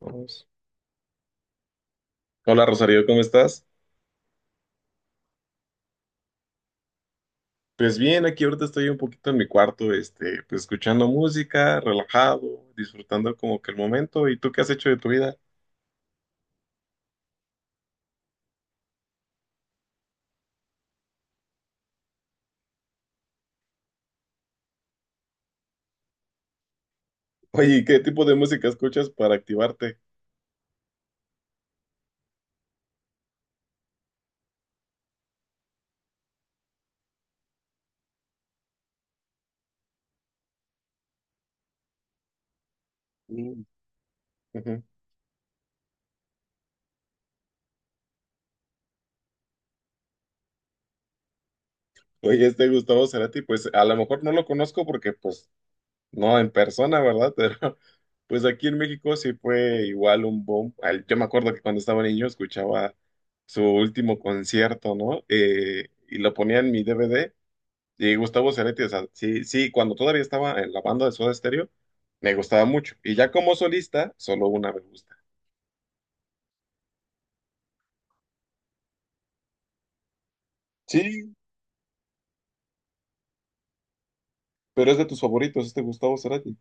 Vamos. Hola Rosario, ¿cómo estás? Pues bien, aquí ahorita estoy un poquito en mi cuarto, este, pues escuchando música, relajado, disfrutando como que el momento. ¿Y tú qué has hecho de tu vida? Oye, ¿¿qué tipo de música escuchas para activarte? Mm, ujú. Oye, este Gustavo Cerati, pues a lo mejor no lo conozco porque pues no, en persona, ¿verdad? Pero pues aquí en México sí fue igual un boom. Yo me acuerdo que cuando estaba niño escuchaba su último concierto, ¿no? Y lo ponía en mi DVD. Y Gustavo Cerati, o sea, sí, sí, cuando todavía estaba en la banda de Soda Stereo, me gustaba mucho. Y ya como solista, solo una me gusta. Sí, pero es de tus favoritos, este Gustavo Cerati.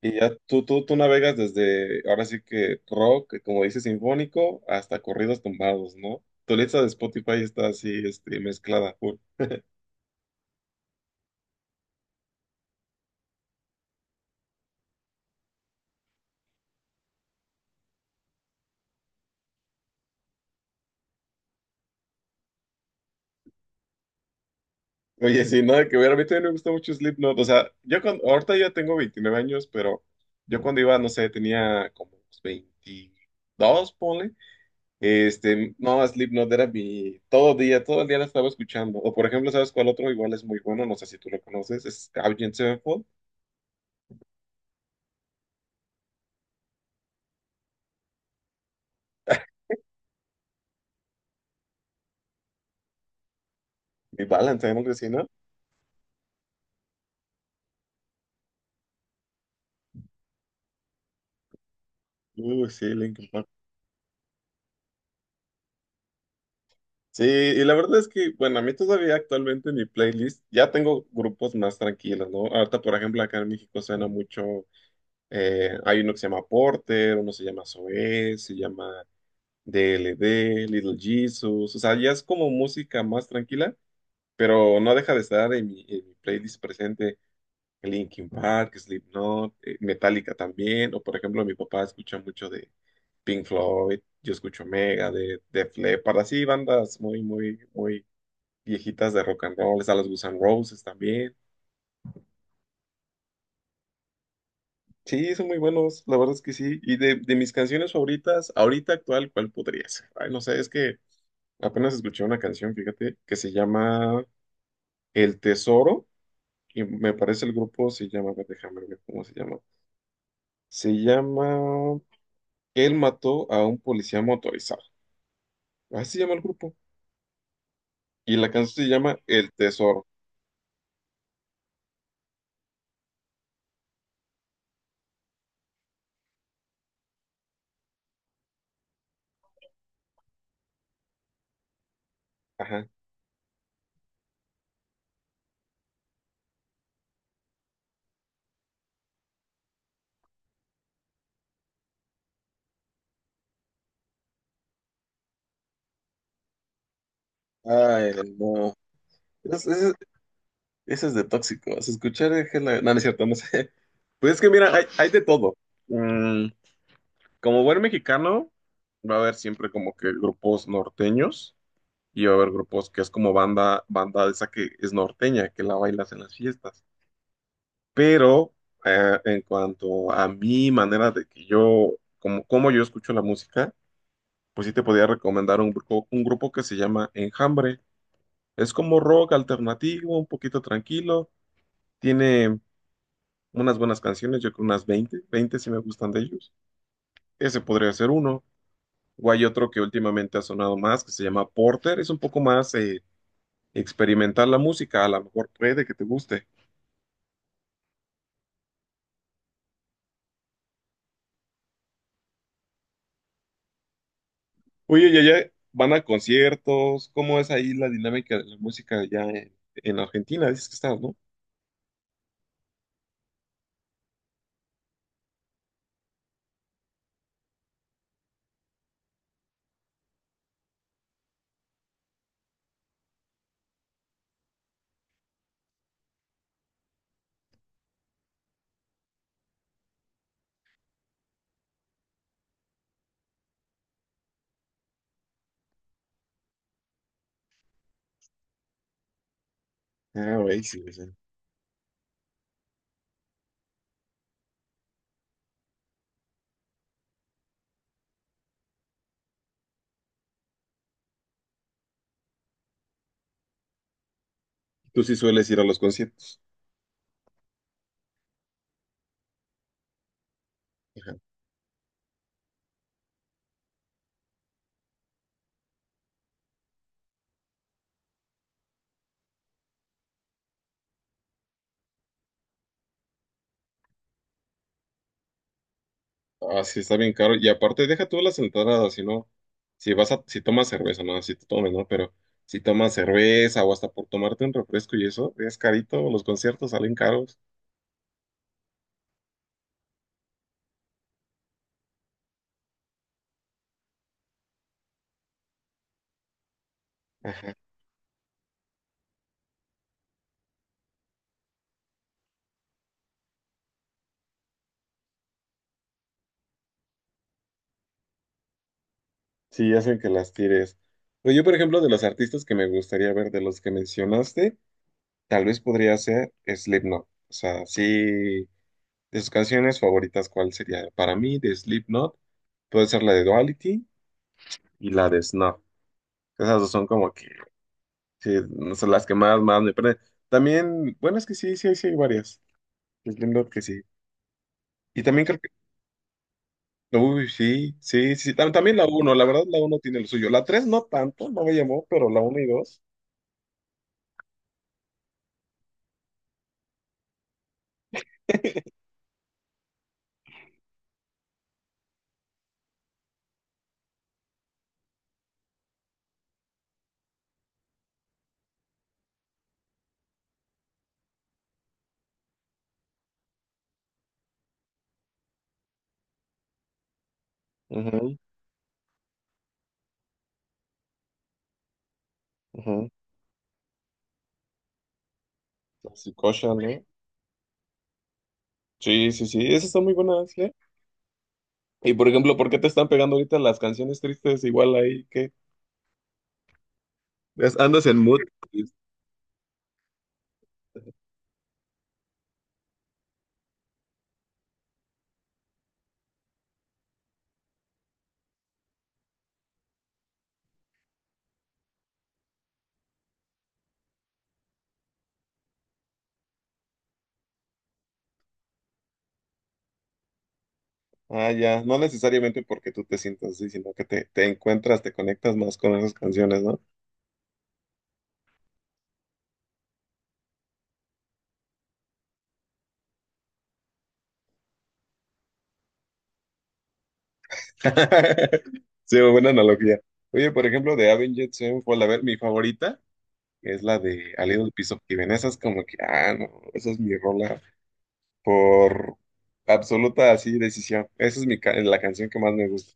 Y ya tú navegas desde, ahora sí que rock, como dices, sinfónico, hasta corridos tumbados, ¿no? Tu lista de Spotify está así, este, mezclada, full. Oye, sí, nada que ver, a mí también me gusta mucho Slipknot, o sea, yo cuando, ahorita ya tengo 29 años, pero yo cuando iba, no sé, tenía como unos 22, ponle, este, no, Slipknot era mi, todo día, todo el día la estaba escuchando, o por ejemplo, ¿sabes cuál otro? Igual es muy bueno, no sé si tú lo conoces, es Avenged Sevenfold, mi Valentine, algo así, ¿no? Sí, Linkin Park. Sí, y la verdad es que, bueno, a mí todavía actualmente en mi playlist ya tengo grupos más tranquilos, ¿no? Ahorita, por ejemplo, acá en México suena mucho, hay uno que se llama Porter, uno se llama Zoé, se llama DLD, Little Jesus, o sea, ya es como música más tranquila, pero no deja de estar en mi playlist presente Linkin Park, Slipknot, Metallica también, o por ejemplo, mi papá escucha mucho de Pink Floyd, yo escucho Megadeth, Def Leppard, así bandas muy, muy, muy viejitas de rock and roll, está las Guns N' Roses también. Sí, son muy buenos, la verdad es que sí. Y de mis canciones favoritas, ahorita actual, ¿cuál podría ser? Ay, no sé, es que apenas escuché una canción, fíjate, que se llama El Tesoro, y me parece el grupo se llama, a ver, déjame ver cómo se llama. Se llama Él mató a un policía motorizado. Así se llama el grupo. Y la canción se llama El Tesoro. Ajá. Ay, no. Es, es- Eso es de tóxicos. Escuchar es que no, no es cierto, no sé. Pues es que mira, hay de todo. Mm, como buen mexicano, va a haber siempre como que grupos norteños y va a haber grupos que es como banda, banda esa que es norteña, que la bailas en las fiestas. Pero en cuanto a mi manera de que yo, como, como yo escucho la música, pues sí te podría recomendar un grupo que se llama Enjambre. Es como rock alternativo, un poquito tranquilo. Tiene unas buenas canciones, yo creo unas 20 20 si me gustan de ellos. Ese podría ser uno. O hay otro que últimamente ha sonado más, que se llama Porter. Es un poco más experimental la música, a lo mejor puede que te guste. Oye, ¿y allá van a conciertos? ¿Cómo es ahí la dinámica de la música allá en Argentina? Dices que estás, ¿no? Ah, güey, sí, sí. Tú sí sueles ir a los conciertos. Así está bien caro. Y aparte, deja tú las entradas, si no, si vas a, si tomas cerveza, no, si te tomes, ¿no? Pero si tomas cerveza o hasta por tomarte un refresco y eso, es carito, los conciertos salen caros. Sí, hacen que las tires. Pero yo, por ejemplo, de los artistas que me gustaría ver, de los que mencionaste, tal vez podría ser Slipknot. O sea, sí, de sus canciones favoritas, ¿cuál sería? Para mí, de Slipknot, puede ser la de Duality y la de Snuff. Esas dos son como que sí, no son las que más, más me prenden. También, bueno, es que sí, sí, sí hay varias. Es lindo que sí. Y también creo que, uy, sí, sí, sí. También la uno la verdad, la uno tiene lo suyo. La 3 no tanto, no me llamó, pero la uno y dos ujú, ujú. Así, cocha, ¿no? Sí, sí, sí, esas están muy buenas, ¿eh? Y por ejemplo, ¿por qué te están pegando ahorita las canciones tristes igual ahí que andas en mood triste? Ah, ya, no necesariamente porque tú te sientas así, sino que te encuentras, te conectas más con esas canciones, ¿no? Sí, buena analogía. Oye, por ejemplo, de Avengers, Sevenfold, a ver, mi favorita es la de A Little Piece of Heaven. Esa es como que, ah, no, esa es mi rola por absoluta así decisión. Esa es la canción que más me gusta.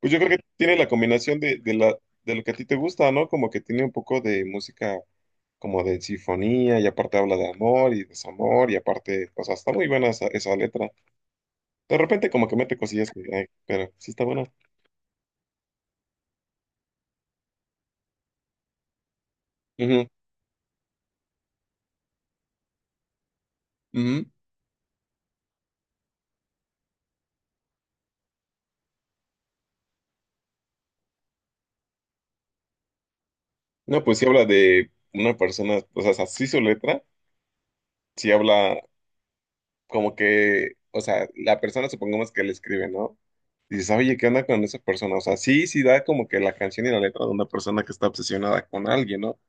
Pues yo creo que tiene la combinación de la, de lo que a ti te gusta, ¿no? Como que tiene un poco de música como de sinfonía y aparte habla de amor y desamor y aparte, o sea, está muy buena esa, esa letra. De repente como que mete cosillas que, ay, pero sí está buena. Ujú, ujú. No, pues sí habla de una persona, o sea, así su letra, sí habla como que, o sea, la persona supongamos que le escribe, ¿no? Dices, oye, ¿qué onda con esa persona? O sea, sí, sí da como que la canción y la letra de una persona que está obsesionada con alguien, ¿no? O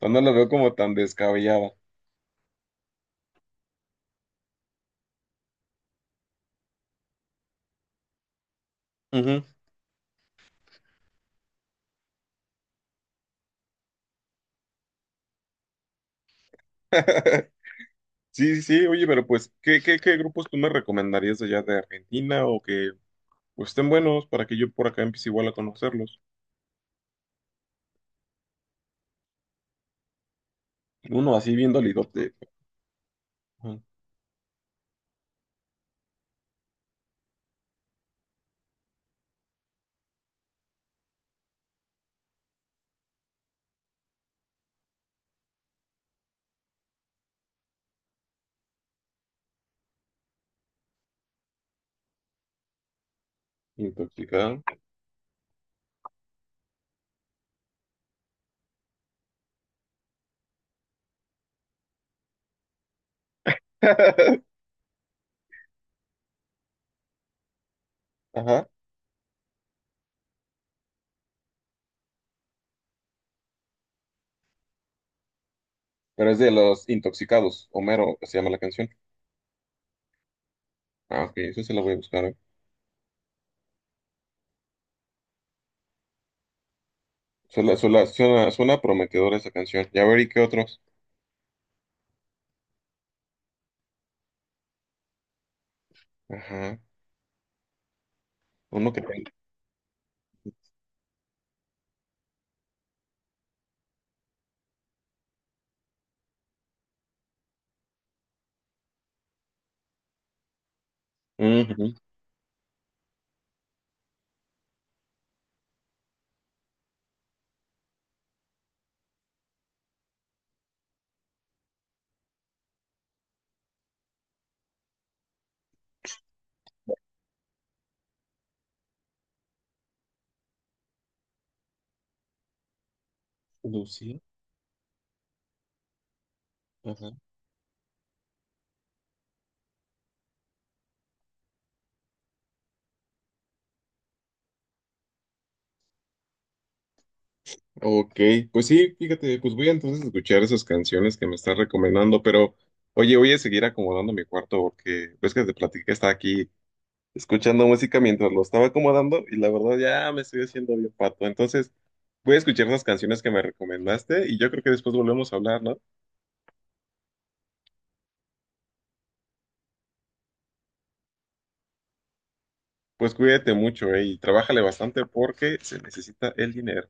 sea, no lo veo como tan descabellada. Ujú. Sí, sí, sí, oye, pero pues, ¿qué grupos tú me recomendarías allá de Argentina o que pues, estén buenos para que yo por acá empiece igual a conocerlos? Uno así bien dolidote, ajá. Intoxicado. Ajá. Pero es de los intoxicados. Homero se llama la canción. Ah, ok, eso se la voy a buscar. ¿Eh? Suena, suena, suena, suena prometedora esa canción. Ya veré qué otros. Ajá. Uno que tenga. Ujú. Lucía. Ajá. Ok, pues sí, fíjate, pues voy a entonces escuchar esas canciones que me están recomendando, pero oye, voy a seguir acomodando mi cuarto porque ves que te platiqué que estaba aquí escuchando música mientras lo estaba acomodando y la verdad ya me estoy haciendo bien pato. Entonces voy a escuchar esas canciones que me recomendaste y yo creo que después volvemos a hablar, ¿no? Pues cuídate mucho, y trabájale bastante porque se necesita el dinero.